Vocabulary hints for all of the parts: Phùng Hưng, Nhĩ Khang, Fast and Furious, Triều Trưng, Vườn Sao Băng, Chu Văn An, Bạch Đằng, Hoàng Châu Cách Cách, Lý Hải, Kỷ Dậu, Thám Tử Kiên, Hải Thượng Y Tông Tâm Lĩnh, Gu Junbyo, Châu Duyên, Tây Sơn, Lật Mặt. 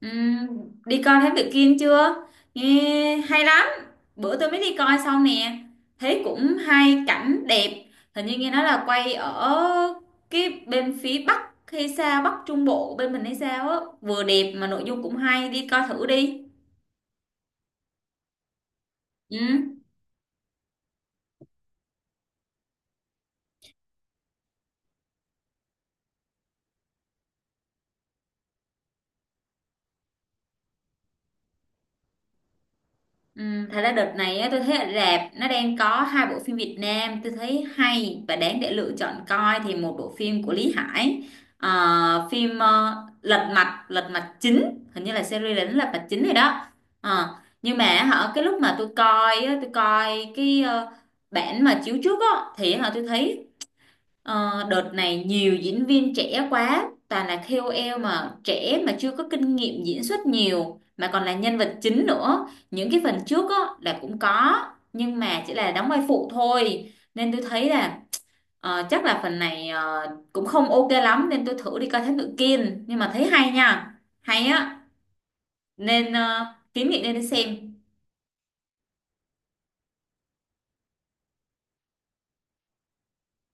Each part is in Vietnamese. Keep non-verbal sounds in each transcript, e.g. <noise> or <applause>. Ừm, Đi coi Thám Tử Kiên chưa? Nghe hay lắm. Bữa tôi mới đi coi xong nè. Thấy cũng hay, cảnh đẹp. Hình như nghe nói là quay ở cái bên phía Bắc hay sao, Bắc Trung Bộ bên mình hay sao á. Vừa đẹp mà nội dung cũng hay, đi coi thử đi. Ừ. Ừ, thật ra đợt này á, tôi thấy ở rạp nó đang có hai bộ phim Việt Nam tôi thấy hay và đáng để lựa chọn coi. Thì một bộ phim của Lý Hải, phim Lật Mặt chính, hình như là series là Lật Mặt chính rồi đó. Ờ, nhưng mà hả, cái lúc mà tôi coi á, tôi coi cái bản mà chiếu trước á thì hả tôi thấy, đợt này nhiều diễn viên trẻ quá, toàn là KOL mà trẻ mà chưa có kinh nghiệm diễn xuất nhiều, mà còn là nhân vật chính nữa. Những cái phần trước á, là cũng có, nhưng mà chỉ là đóng vai phụ thôi. Nên tôi thấy là chắc là phần này cũng không ok lắm, nên tôi thử đi coi Thám Tử Kiên. Nhưng mà thấy hay nha, hay á, nên kiến nghị nên đi xem.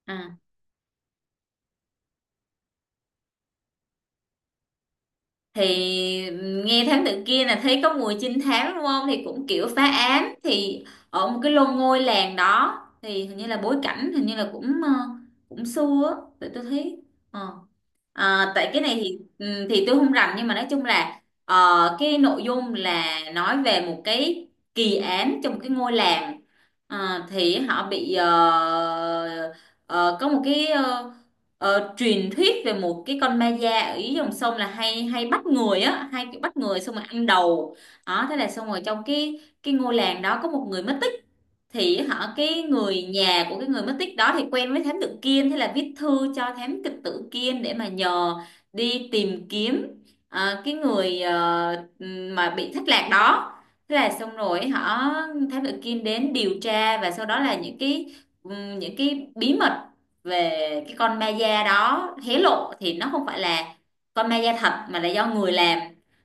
À. Thì nghe thám tử kia là thấy có mùi trinh thám, đúng không? Thì cũng kiểu phá án, thì ở một cái lô ngôi làng đó, thì hình như là bối cảnh hình như là cũng cũng xưa á, tụi tôi thấy ờ. À, tại cái này thì tôi không rành, nhưng mà nói chung là cái nội dung là nói về một cái kỳ án trong một cái ngôi làng. Thì họ bị có một cái truyền thuyết về một cái con ma da ở dưới dòng sông là hay hay bắt người á, hay bắt người xong rồi ăn đầu đó. Thế là xong rồi, trong cái ngôi làng đó có một người mất, thì họ, cái người nhà của cái người mất tích đó thì quen với thám tử Kiên, thế là viết thư cho thám kịch tử Kiên để mà nhờ đi tìm kiếm cái người mà bị thất lạc đó. Thế là xong rồi họ, thám tử Kiên đến điều tra, và sau đó là những cái bí mật về cái con ma da đó hé lộ, thì nó không phải là con ma da thật mà là do người làm.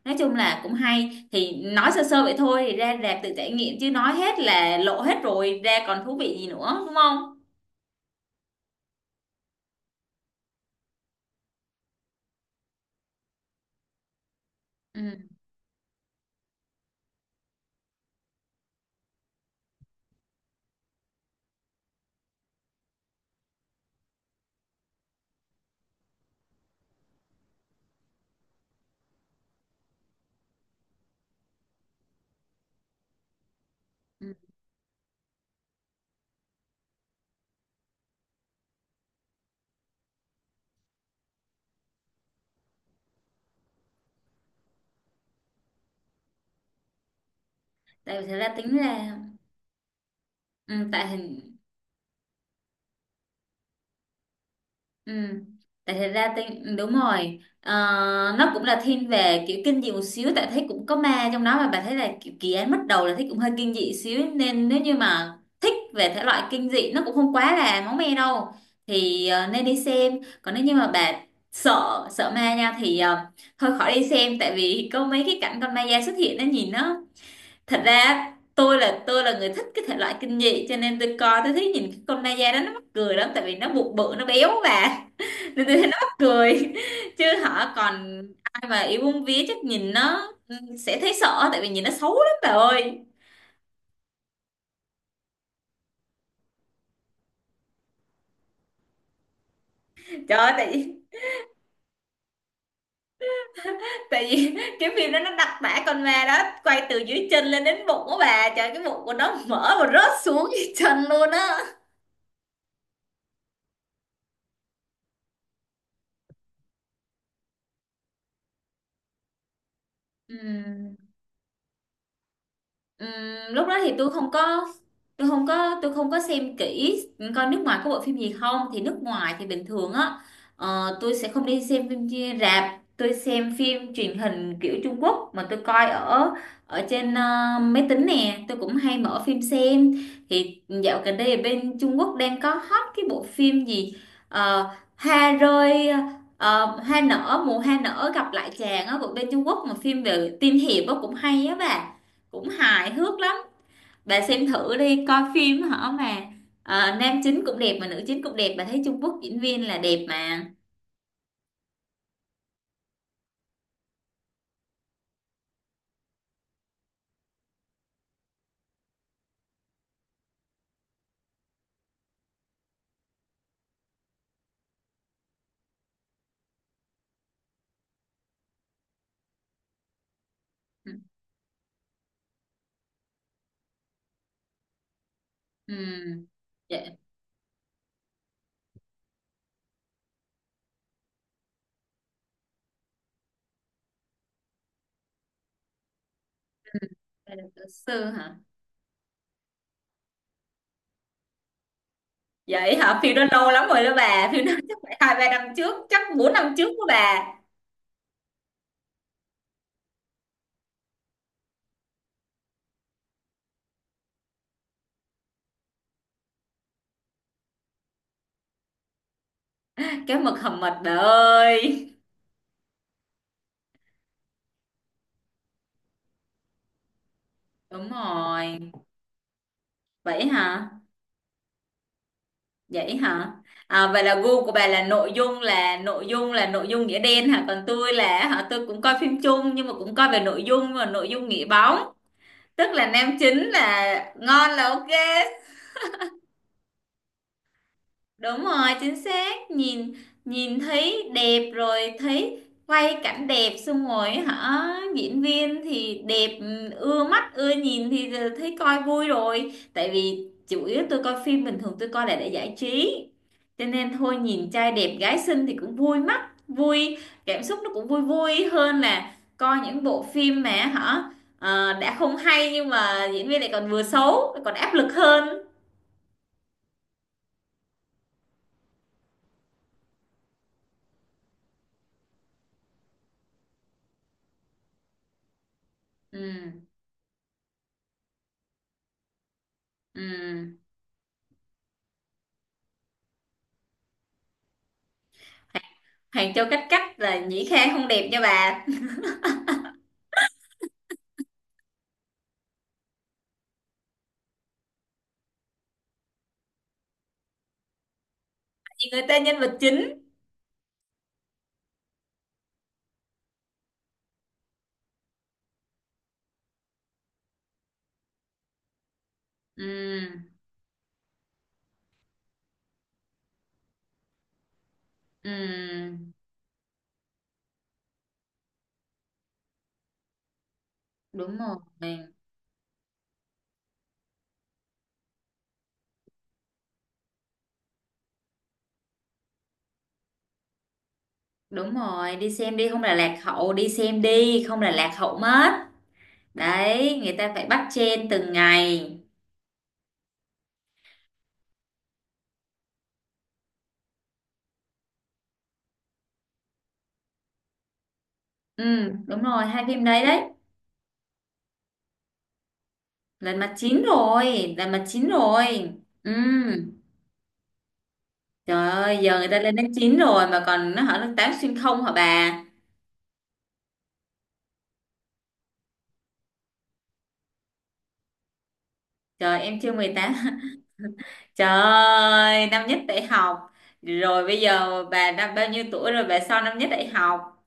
Nói chung là cũng hay. Thì nói sơ sơ vậy thôi, thì ra rạp tự trải nghiệm chứ nói hết là lộ hết rồi, ra còn thú vị gì nữa, đúng không? Ừ, ừ. Tại vì thật ra, tính ra, ừ, tại hình. Ừ. Tại thật ra tên đúng rồi. Ờ, nó cũng là thiên về kiểu kinh dị một xíu, tại thấy cũng có ma trong đó mà. Bà thấy là kiểu kỳ án, bắt đầu là thấy cũng hơi kinh dị xíu, nên nếu như mà thích về thể loại kinh dị, nó cũng không quá là máu me đâu, thì nên đi xem. Còn nếu như mà bà sợ sợ ma nha, thì thôi khỏi đi xem, tại vì có mấy cái cảnh con ma da xuất hiện nó nhìn nó, thật ra tôi là người thích cái thể loại kinh dị, cho nên tôi coi, tôi thấy nhìn cái con ma da đó nó mắc cười lắm, tại vì nó bụng bự, nó béo bà, nên tôi thấy nó mắc cười. Chứ họ còn ai mà yêu bông vía chắc nhìn nó sẽ thấy sợ, tại vì nhìn nó xấu lắm bà ơi. Trời ơi, tại vì cái phim đó nó đặc tả con ma đó, quay từ dưới chân lên đến bụng của bà trời, cái bụng của nó mở và rớt xuống dưới chân luôn á. Ừ. Ừm, Lúc đó thì tôi không có tôi không có tôi không có xem kỹ coi nước ngoài có bộ phim gì không, thì nước ngoài thì bình thường á. Tôi sẽ không đi xem phim rạp, tôi xem phim truyền hình kiểu Trung Quốc mà tôi coi ở ở trên máy tính nè, tôi cũng hay mở phim xem. Thì dạo gần đây ở bên Trung Quốc đang có hot cái bộ phim gì, Ờ, hoa rơi hoa nở, mùa hoa nở gặp lại chàng á, của bên Trung Quốc, mà phim về tiên hiệp á, cũng hay á bà, cũng hài hước lắm. Bà xem thử đi, coi phim hả mà, nam chính cũng đẹp mà nữ chính cũng đẹp. Bà thấy Trung Quốc diễn viên là đẹp mà. Ừ. Ừ. Dạ. Ừ. Bà là luật sư hả? Vậy hả? Phim đó lâu lắm rồi đó bà, phim đó chắc phải 2-3 năm trước, chắc bốn năm trước đó bà. Cái mực hầm mật bà ơi. Đúng rồi. Vậy hả? Vậy hả? À, vậy là gu của bà là nội dung nghĩa đen hả? Còn tôi là hả? Tôi cũng coi phim chung nhưng mà cũng coi về nội dung và nội dung nghĩa bóng. Tức là nam chính là ngon là ok. Đúng rồi, chính xác. Nhìn nhìn thấy đẹp, rồi thấy quay cảnh đẹp, xong rồi hả, diễn viên thì đẹp, ưa mắt ưa nhìn, thì thấy coi vui rồi. Tại vì chủ yếu tôi coi phim bình thường, tôi coi là để giải trí. Cho nên thôi, nhìn trai đẹp gái xinh thì cũng vui mắt, vui cảm xúc, nó cũng vui vui hơn là coi những bộ phim mà hả đã không hay, nhưng mà diễn viên lại còn vừa xấu, lại còn áp lực hơn. Ừ. Ừ. Hoàng Châu Cách Cách là Nhĩ Khang không đẹp nha bà. <laughs> Vì người ta nhân vật chính. Ừ. Ừ. Đúng rồi, đúng rồi, đi xem đi không là lạc hậu, đi xem đi không là lạc hậu mất đấy, người ta phải bắt chen từng ngày. Ừ, đúng rồi, hai phim đấy đấy. Là mặt chín rồi, là mặt chín rồi. Ừ. Trời ơi, giờ người ta lên đến chín rồi mà còn nó hỏi lớp 8 xuyên không hả bà. Trời, em chưa mười tám. Trời ơi, năm nhất đại học. Rồi bây giờ bà năm bao nhiêu tuổi rồi bà, sau năm nhất đại học?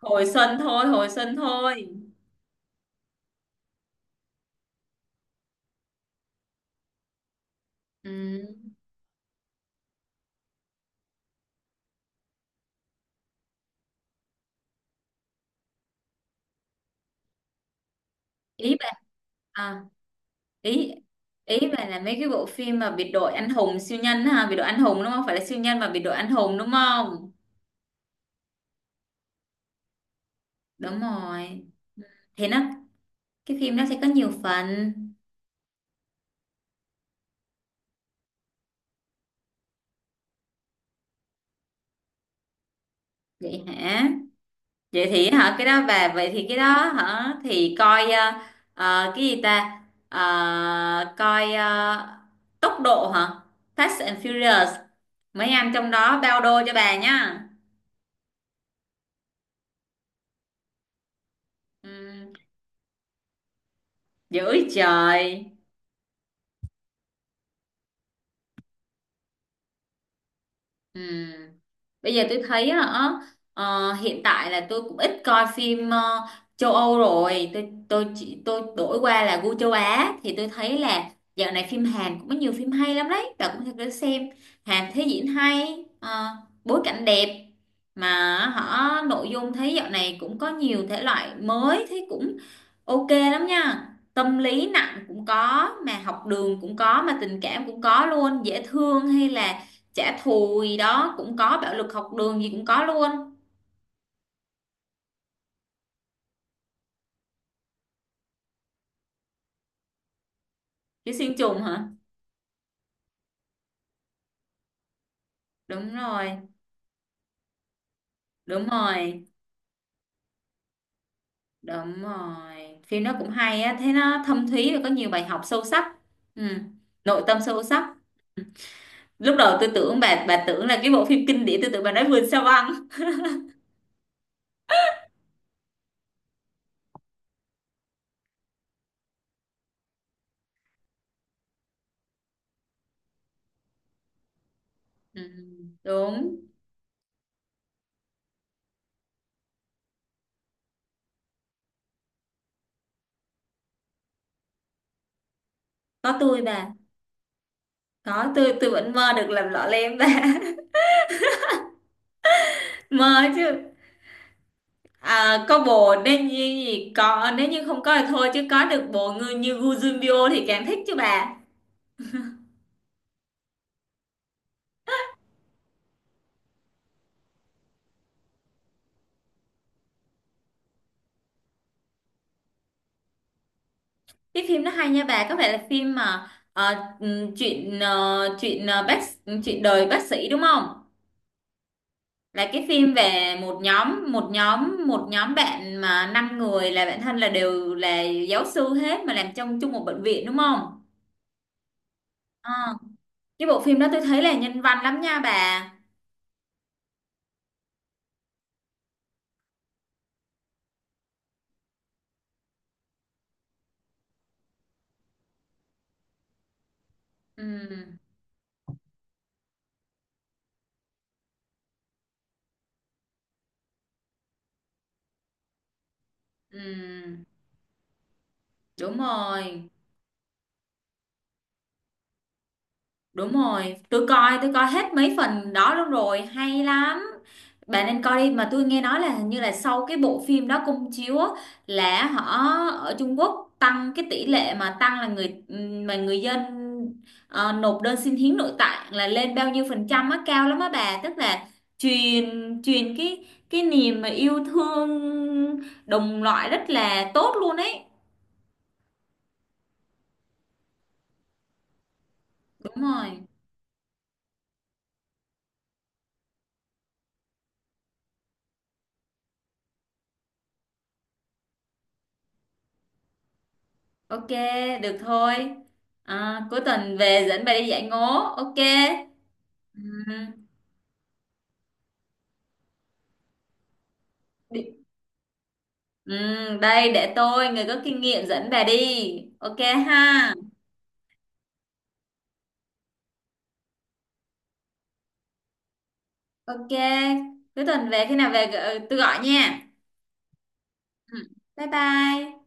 Hồi xuân thôi, hồi xuân thôi. Ừ. Ý bà à, ý ý bà là mấy cái bộ phim mà biệt đội anh hùng siêu nhân ha, biệt đội anh hùng, đúng không, phải là siêu nhân mà biệt đội anh hùng, đúng không? Đúng rồi. Thế nó, cái phim nó sẽ có nhiều phần. Vậy hả? Vậy thì hả, cái đó về, vậy thì cái đó hả, thì coi cái gì ta. Coi tốc độ hả, Fast and Furious, mấy anh trong đó bao đô cho bà nhá. Ừ, dữ trời. Ừ. Bây giờ tôi thấy á, hiện tại là tôi cũng ít coi phim châu Âu rồi, tôi đổi qua là gu châu Á, thì tôi thấy là dạo này phim Hàn cũng có nhiều phim hay lắm đấy, và cũng thật để xem. Hàn thấy diễn hay, bối cảnh đẹp, mà họ, nội dung thấy dạo này cũng có nhiều thể loại mới, thấy cũng ok lắm nha. Tâm lý nặng cũng có, mà học đường cũng có, mà tình cảm cũng có luôn. Dễ thương, hay là trả thù gì đó cũng có, bạo lực học đường gì cũng có luôn. Chứ xuyên trùng hả? Đúng rồi, đúng rồi, đúng rồi. Phim nó cũng hay á, thế nó thâm thúy và có nhiều bài học sâu sắc. Ừ. Nội tâm sâu sắc. Ừ. Lúc đầu tôi tưởng bà tưởng là cái bộ phim kinh điển, tôi tưởng bà nói Vườn Sao Băng. Ừ. Đúng, có tôi bà. Có tôi vẫn mơ được làm lọ lem bà. Mơ chứ. À, có bồ nên như gì có, nếu như không có thì thôi, chứ có được bồ người như Gu Junbyo thì càng thích chứ bà. Cái phim nó hay nha bà, có phải là phim mà ờ, ừm, chuyện ờ, chuyện ờ, bác chuyện đời bác sĩ đúng không, là cái phim về một nhóm bạn mà năm người là bạn thân, là đều là giáo sư hết mà làm trong chung một bệnh viện, đúng không? Ờ, cái bộ phim đó tôi thấy là nhân văn lắm nha bà. Ừ, ừ, đúng rồi. Đúng rồi, tôi coi hết mấy phần đó luôn rồi, hay lắm. Bạn nên coi đi, mà tôi nghe nói là hình như là sau cái bộ phim đó công chiếu á, là họ, ở Trung Quốc, tăng cái tỷ lệ mà tăng là người, mà người dân nộp đơn xin hiến nội tạng là lên bao nhiêu phần trăm á, cao lắm á bà, tức là truyền truyền cái niềm mà yêu thương đồng loại rất là tốt luôn ấy. Đúng rồi. Ok, được thôi. À, cuối tuần về dẫn bà đi dạy ngố. Ok. Ừm, đi- Đây để tôi, người có kinh nghiệm, dẫn bà đi. Ok ha. Ok. Cuối tuần về, khi nào về tôi gọi nha. Ừm, Bye bye.